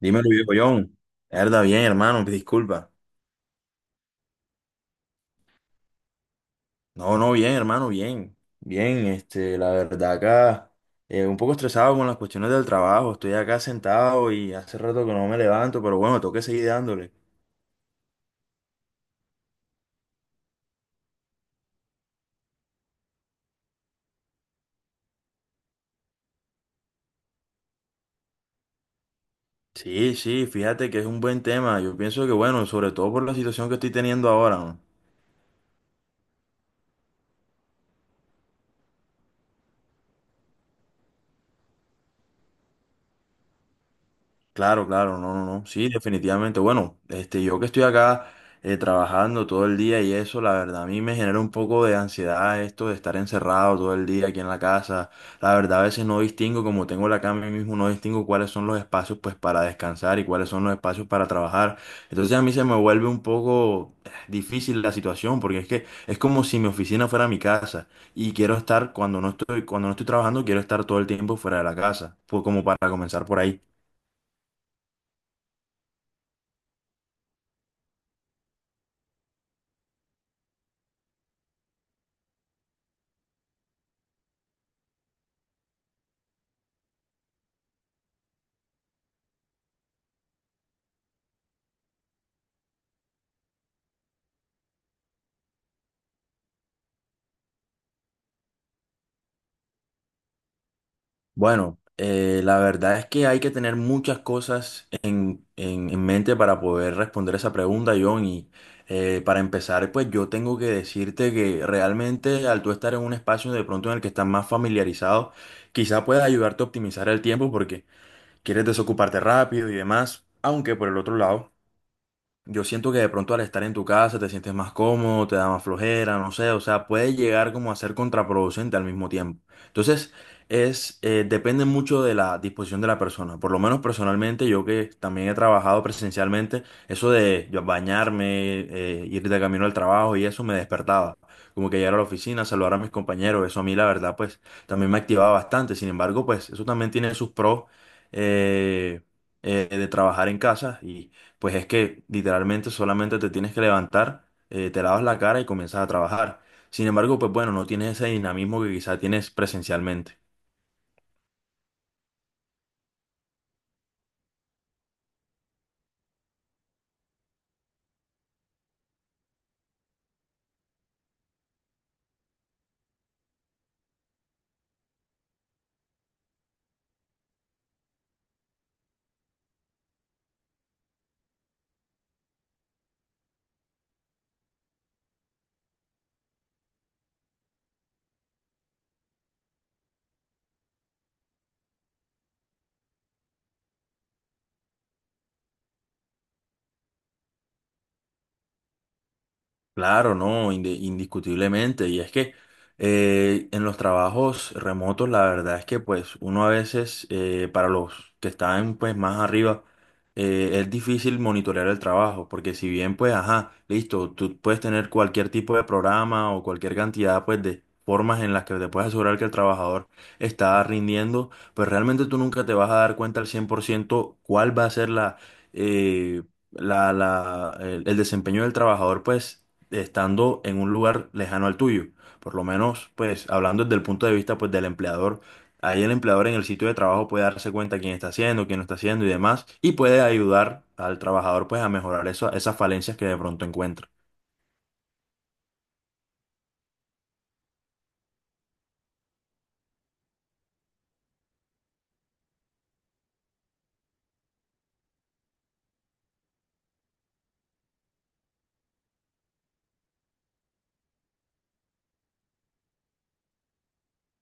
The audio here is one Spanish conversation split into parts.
Dímelo, viejo John. Verdad, bien, hermano, disculpa. No, no, bien, hermano, bien. Bien, este, la verdad acá, un poco estresado con las cuestiones del trabajo. Estoy acá sentado y hace rato que no me levanto, pero bueno, tengo que seguir dándole. Sí, sí, fíjate que es un buen tema. Yo pienso que, bueno, sobre todo por la situación que estoy teniendo ahora, ¿no? Claro, claro, no, no, no. Sí, definitivamente. Bueno, este, yo que estoy acá trabajando todo el día y eso, la verdad, a mí me genera un poco de ansiedad esto de estar encerrado todo el día aquí en la casa. La verdad, a veces no distingo, como tengo la cama ahí mismo, no distingo cuáles son los espacios pues para descansar y cuáles son los espacios para trabajar. Entonces a mí se me vuelve un poco difícil la situación, porque es que es como si mi oficina fuera mi casa y quiero estar cuando no estoy trabajando, quiero estar todo el tiempo fuera de la casa, pues como para comenzar por ahí. Bueno, la verdad es que hay que tener muchas cosas en mente para poder responder esa pregunta, John. Y para empezar, pues yo tengo que decirte que realmente al tú estar en un espacio de pronto en el que estás más familiarizado, quizá pueda ayudarte a optimizar el tiempo porque quieres desocuparte rápido y demás. Aunque por el otro lado... Yo siento que de pronto al estar en tu casa te sientes más cómodo, te da más flojera, no sé, o sea, puede llegar como a ser contraproducente al mismo tiempo. Entonces, depende mucho de la disposición de la persona. Por lo menos personalmente, yo que también he trabajado presencialmente, eso de yo bañarme, ir de camino al trabajo y eso me despertaba. Como que llegar a la oficina, saludar a mis compañeros, eso a mí la verdad, pues también me activaba bastante. Sin embargo, pues eso también tiene sus pros eh, de trabajar en casa y pues es que literalmente solamente te tienes que levantar, te lavas la cara y comienzas a trabajar. Sin embargo, pues bueno, no tienes ese dinamismo que quizá tienes presencialmente. Claro, no, indiscutiblemente. Y es que en los trabajos remotos, la verdad es que pues uno a veces, para los que están pues más arriba, es difícil monitorear el trabajo, porque si bien pues, ajá, listo, tú puedes tener cualquier tipo de programa o cualquier cantidad pues de formas en las que te puedes asegurar que el trabajador está rindiendo, pues realmente tú nunca te vas a dar cuenta al 100% cuál va a ser eh, el desempeño del trabajador, pues estando en un lugar lejano al tuyo. Por lo menos, pues, hablando desde el punto de vista, pues, del empleador, ahí el empleador en el sitio de trabajo puede darse cuenta quién está haciendo, quién no está haciendo y demás, y puede ayudar al trabajador, pues, a mejorar esas falencias que de pronto encuentra.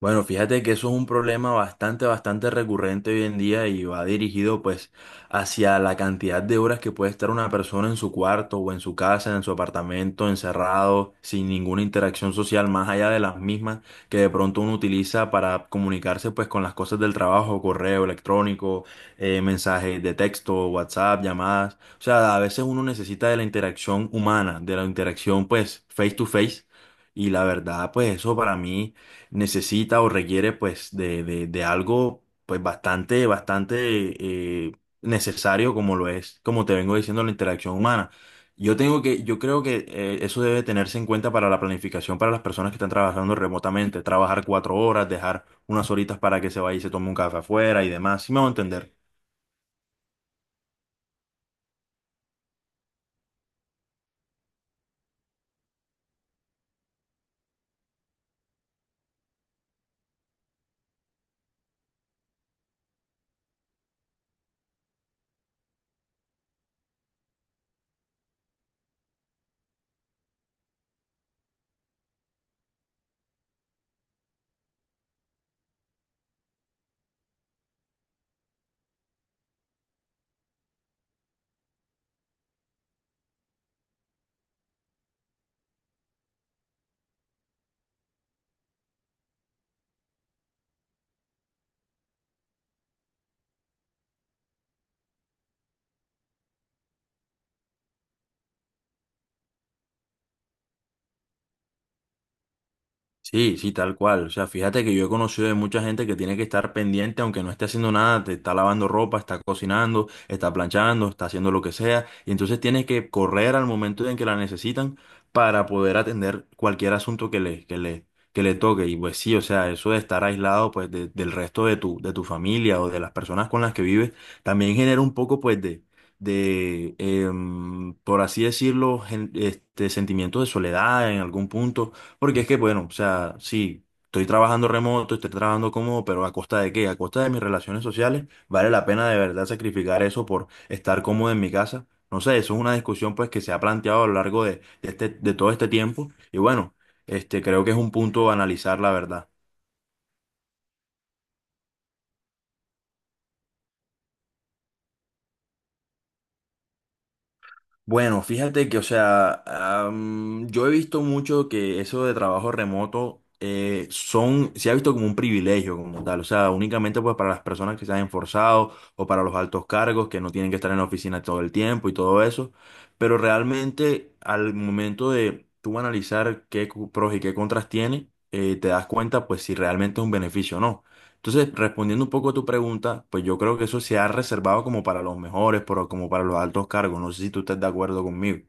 Bueno, fíjate que eso es un problema bastante, bastante recurrente hoy en día y va dirigido pues hacia la cantidad de horas que puede estar una persona en su cuarto o en su casa, en su apartamento, encerrado, sin ninguna interacción social más allá de las mismas que de pronto uno utiliza para comunicarse pues con las cosas del trabajo, correo electrónico, mensajes de texto, WhatsApp, llamadas. O sea, a veces uno necesita de la interacción humana, de la interacción pues face to face. Y la verdad, pues eso para mí necesita o requiere pues de algo pues bastante, bastante eh, necesario como lo es, como te vengo diciendo, la interacción humana. Yo tengo que, yo creo que eso debe tenerse en cuenta para la planificación para las personas que están trabajando remotamente, trabajar 4 horas, dejar unas horitas para que se vaya y se tome un café afuera y demás, ¿si me va a entender? Sí, sí, tal cual. O sea, fíjate que yo he conocido de mucha gente que tiene que estar pendiente, aunque no esté haciendo nada, te está lavando ropa, está cocinando, está planchando, está haciendo lo que sea, y entonces tienes que correr al momento en que la necesitan para poder atender cualquier asunto que le toque. Y pues sí, o sea, eso de estar aislado pues del resto de tu familia o de las personas con las que vives, también genera un poco pues de por así decirlo, este sentimiento de soledad en algún punto porque es que, bueno, o sea, sí, estoy trabajando remoto, estoy trabajando cómodo, pero ¿a costa de qué? A costa de mis relaciones sociales, ¿vale la pena de verdad sacrificar eso por estar cómodo en mi casa? No sé, eso es una discusión pues que se ha planteado a lo largo de todo este tiempo y bueno, este, creo que es un punto a analizar la verdad. Bueno, fíjate que, o sea, yo he visto mucho que eso de trabajo remoto son, se ha visto como un privilegio como tal, o sea, únicamente pues para las personas que se han esforzado o para los altos cargos que no tienen que estar en la oficina todo el tiempo y todo eso, pero realmente al momento de tú analizar qué pros y qué contras tiene, te das cuenta pues si realmente es un beneficio o no. Entonces, respondiendo un poco a tu pregunta, pues yo creo que eso se ha reservado como para los mejores, pero como para los altos cargos. No sé si tú estás de acuerdo conmigo.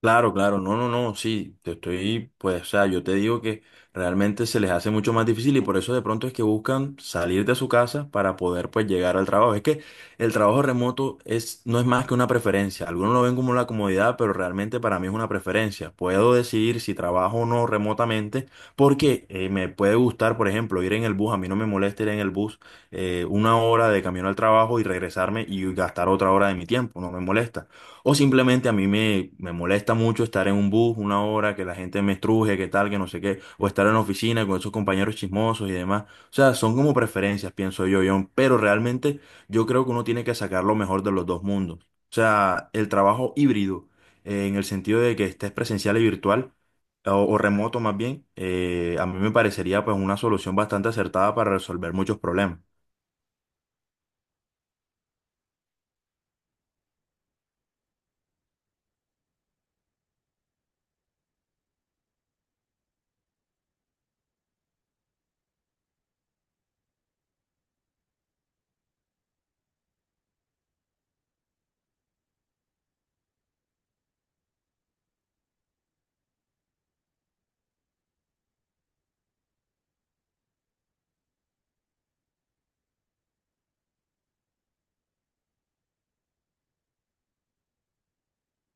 Claro, claro, no, no, no, sí, te estoy, pues, o sea, yo te digo que realmente se les hace mucho más difícil y por eso de pronto es que buscan salir de su casa para poder, pues, llegar al trabajo. Es que el trabajo remoto es, no es más que una preferencia. Algunos lo ven como una comodidad, pero realmente para mí es una preferencia. Puedo decidir si trabajo o no remotamente porque me puede gustar, por ejemplo, ir en el bus. A mí no me molesta ir en el bus 1 hora de camino al trabajo y regresarme y gastar otra hora de mi tiempo, no me molesta. O simplemente a mí me molesta mucho estar en un bus 1 hora, que la gente me estruje, que tal, que no sé qué, o estar en la oficina con esos compañeros chismosos y demás. O sea, son como preferencias, pienso yo, John, pero realmente yo creo que uno tiene que sacar lo mejor de los dos mundos. O sea, el trabajo híbrido, en el sentido de que estés presencial y virtual, o remoto más bien, a mí me parecería pues una solución bastante acertada para resolver muchos problemas.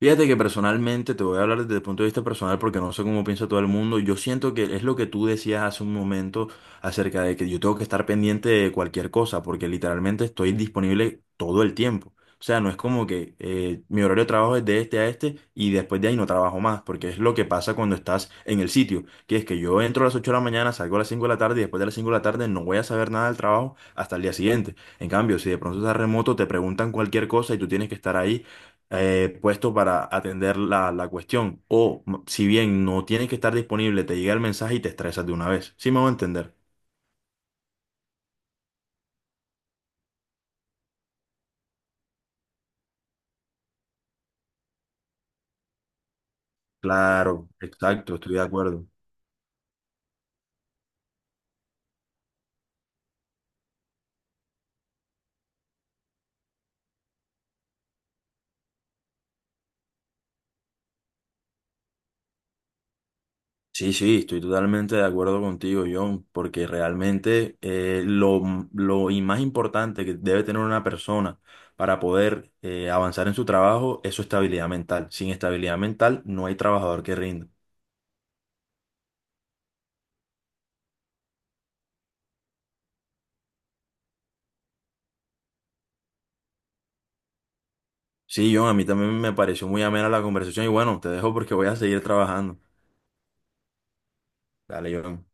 Fíjate que personalmente, te voy a hablar desde el punto de vista personal porque no sé cómo piensa todo el mundo. Yo siento que es lo que tú decías hace un momento acerca de que yo tengo que estar pendiente de cualquier cosa porque literalmente estoy disponible todo el tiempo. O sea, no es como que mi horario de trabajo es de este a este y después de ahí no trabajo más porque es lo que pasa cuando estás en el sitio. Que es que yo entro a las 8 de la mañana, salgo a las 5 de la tarde y después de las 5 de la tarde no voy a saber nada del trabajo hasta el día siguiente. En cambio, si de pronto estás remoto, te preguntan cualquier cosa y tú tienes que estar ahí puesto para atender la cuestión. Si bien no tienes que estar disponible, te llega el mensaje y te estresas de una vez. ¿Sí me voy a entender? Claro, exacto, estoy de acuerdo. Sí, sí, estoy totalmente de acuerdo contigo, John, porque realmente lo y más importante que debe tener una persona para poder avanzar en su trabajo es su estabilidad mental. Sin estabilidad mental no hay trabajador que rinda. Sí, John, a mí también me pareció muy amena la conversación y bueno, te dejo porque voy a seguir trabajando. Dale, John.